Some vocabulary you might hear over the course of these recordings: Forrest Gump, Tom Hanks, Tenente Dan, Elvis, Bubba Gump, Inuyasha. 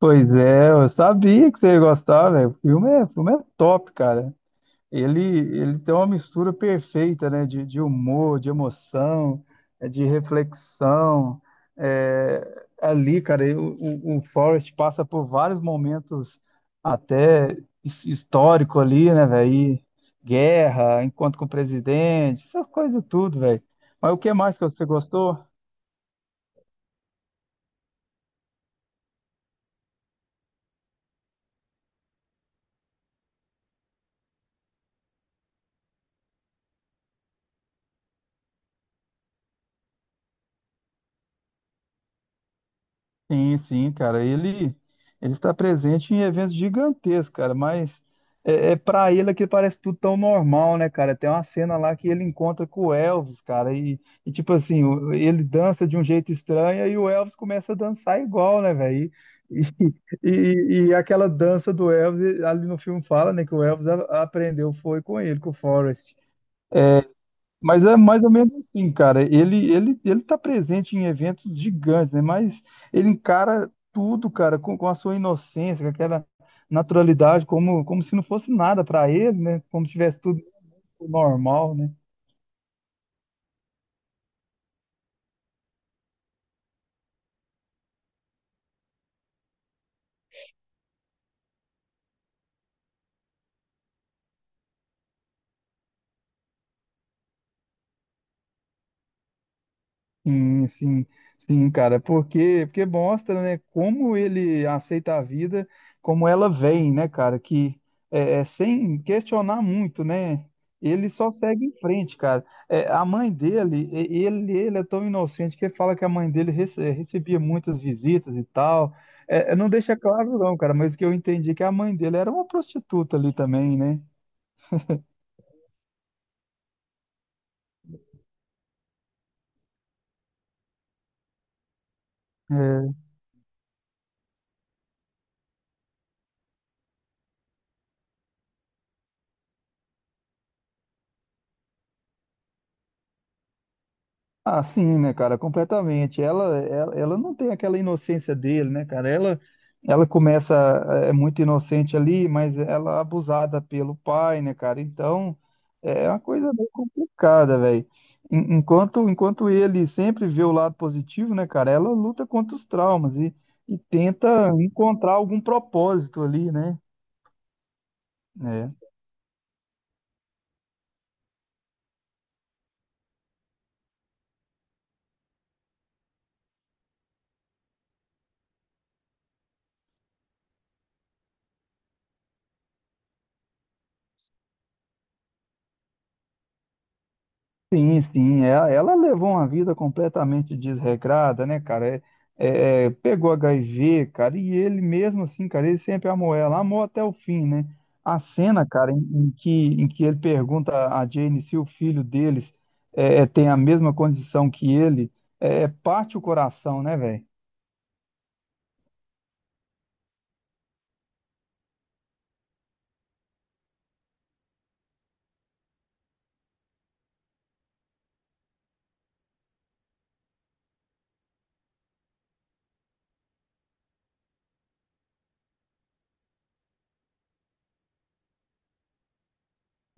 Pois é, eu sabia que você ia gostar, velho. O filme é top, cara. Ele tem uma mistura perfeita, né? De humor, de emoção, de reflexão. Ali, cara, o Forrest passa por vários momentos até histórico ali, né, velho? E guerra, encontro com o presidente, essas coisas tudo, velho. Mas o que mais que você gostou? Sim, sim, cara. Ele está presente em eventos gigantescos, cara, mas é para ele que parece tudo tão normal, né, cara? Tem uma cena lá que ele encontra com o Elvis, cara, e tipo assim, ele dança de um jeito estranho e o Elvis começa a dançar igual, né, velho? E, e, e aquela dança do Elvis, ali no filme fala, né, que o Elvis aprendeu foi com ele, com o Forrest. Mas é mais ou menos assim, cara. Ele tá presente em eventos gigantes, né? Mas ele encara tudo, cara, com a sua inocência, com aquela naturalidade, como se não fosse nada para ele, né? Como se tivesse tudo normal, né? Sim, sim, sim, cara, porque mostra, né, como ele aceita a vida, como ela vem, né, cara, que sem questionar muito, né, ele só segue em frente, cara. É, a mãe dele, ele é tão inocente que ele fala que a mãe dele recebia muitas visitas e tal. Não deixa claro não, cara, mas o que eu entendi é que a mãe dele era uma prostituta ali também, né? É. Ah, sim, né, cara, completamente. Ela não tem aquela inocência dele, né, cara? Ela começa é muito inocente ali, mas ela é abusada pelo pai, né, cara? Então, é uma coisa meio complicada, velho. Enquanto ele sempre vê o lado positivo, né, cara? Ela luta contra os traumas e tenta encontrar algum propósito ali, né? É. Sim, sim, ela levou uma vida completamente desregrada, né, cara? Pegou HIV, cara, e ele mesmo assim, cara, ele sempre amou ela, amou até o fim, né? A cena, cara, em que, em que ele pergunta a Jane se o filho deles tem a mesma condição que ele, parte o coração, né, velho?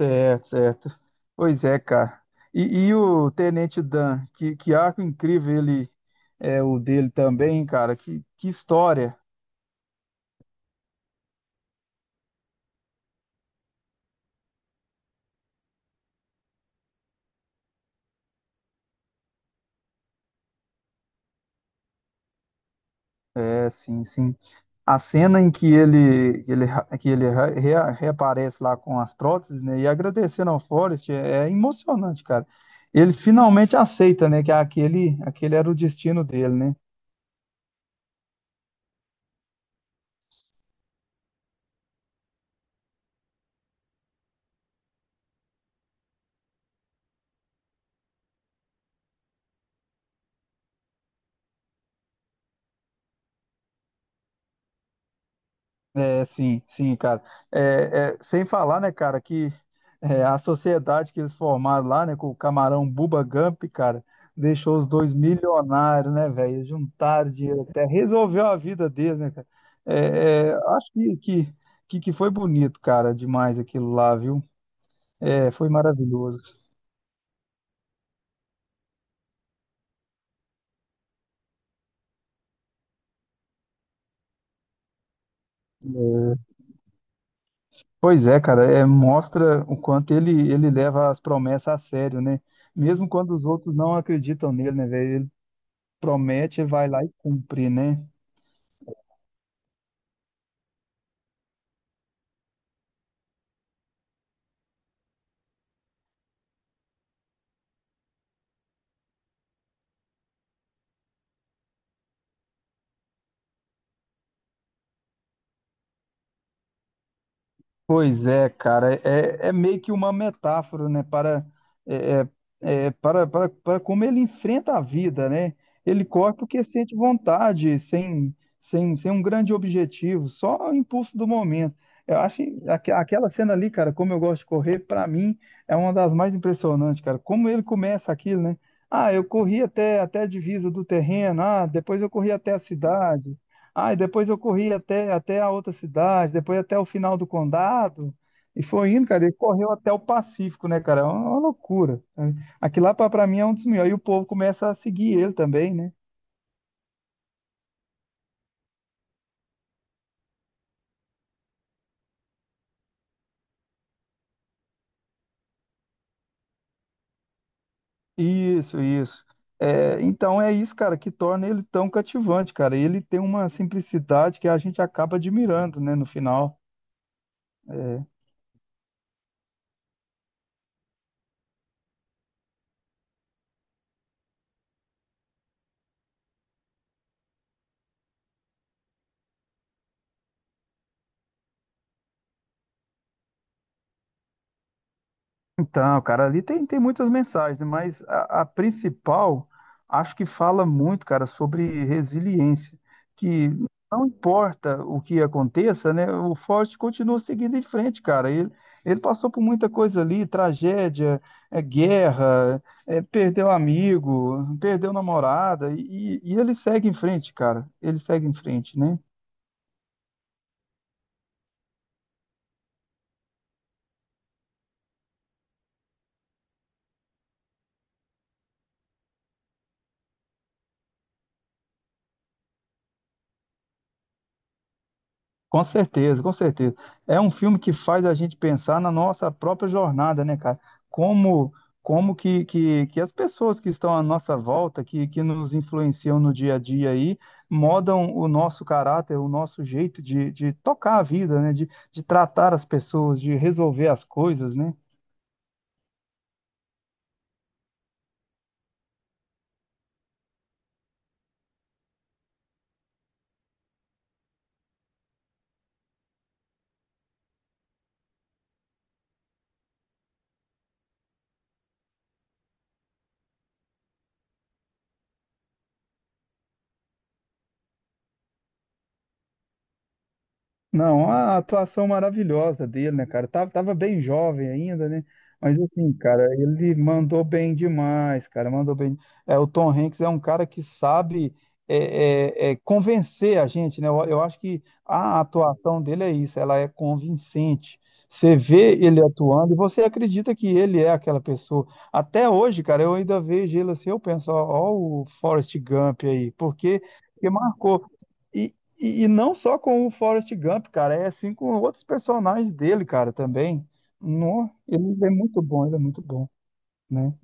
Certo, certo. Pois é, cara. E o Tenente Dan, que arco incrível ele é o dele também, cara. Que história. É, sim, sim. A cena em que ele, que reaparece lá com as próteses, né, e agradecendo ao Forrest é emocionante, cara. Ele finalmente aceita, né, que aquele era o destino dele, né? É, sim, sim, cara. Sem falar, né, cara, que a sociedade que eles formaram lá, né, com o camarão Bubba Gump, cara, deixou os dois milionários, né, velho? Eles juntaram dinheiro até, resolveu a vida deles, né, cara? Acho que foi bonito, cara, demais aquilo lá, viu? É, foi maravilhoso. Pois é, cara, mostra o quanto ele, ele leva as promessas a sério, né? Mesmo quando os outros não acreditam nele, né, velho? Ele promete e vai lá e cumpre, né? Pois é, cara, é meio que uma metáfora, né, para, é, para como ele enfrenta a vida, né? Ele corre porque sente vontade, sem um grande objetivo, só o impulso do momento. Eu acho aquela cena ali, cara, como eu gosto de correr, para mim é uma das mais impressionantes, cara. Como ele começa aquilo, né? Ah, eu corri até a divisa do terreno, ah, depois eu corri até a cidade. Ah, e depois eu corri até a outra cidade, depois até o final do condado, e foi indo, cara, ele correu até o Pacífico, né, cara? É uma loucura. Aqui lá pra mim é um dos melhores, e o povo começa a seguir ele também, né? Isso, isso. É, então é isso, cara, que torna ele tão cativante, cara. Ele tem uma simplicidade que a gente acaba admirando, né, no final. É, então, cara, ali tem, tem muitas mensagens, né? Mas a principal acho que fala muito, cara, sobre resiliência, que não importa o que aconteça, né? O Forte continua seguindo em frente, cara. Ele passou por muita coisa ali, tragédia, guerra, perdeu amigo, perdeu namorada, e ele segue em frente, cara. Ele segue em frente, né? Com certeza, com certeza. É um filme que faz a gente pensar na nossa própria jornada, né, cara? Como, que as pessoas que estão à nossa volta, que nos influenciam no dia a dia aí, modam o nosso caráter, o nosso jeito de tocar a vida, né? De tratar as pessoas, de resolver as coisas, né? Não, a atuação maravilhosa dele, né, cara? Tava bem jovem ainda, né? Mas assim, cara, ele mandou bem demais, cara. Mandou bem. É, o Tom Hanks é um cara que sabe convencer a gente, né? Eu acho que a atuação dele é isso, ela é convincente. Você vê ele atuando e você acredita que ele é aquela pessoa. Até hoje, cara, eu ainda vejo ele assim, eu penso, ó, ó o Forrest Gump aí, porque, porque marcou. E, e não só com o Forrest Gump, cara, é assim com outros personagens dele, cara, também. No, ele é muito bom, ele é muito bom, né?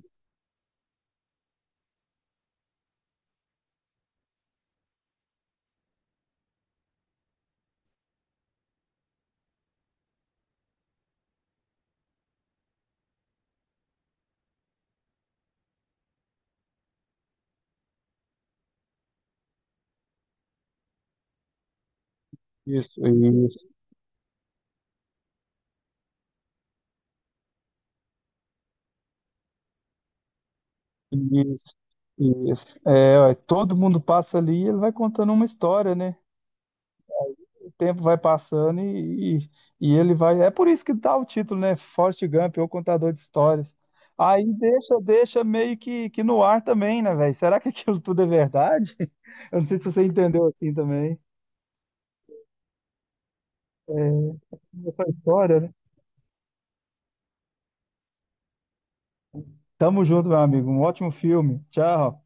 Isso, isso, isso, isso. É, ó, todo mundo passa ali e ele vai contando uma história, né? O tempo vai passando e ele vai. É por isso que dá o título, né? Forrest Gump, ou contador de histórias. Aí deixa meio que no ar também, né, velho? Será que aquilo tudo é verdade? Eu não sei se você entendeu assim também. É é só história, né? Tamo junto, meu amigo. Um ótimo filme. Tchau.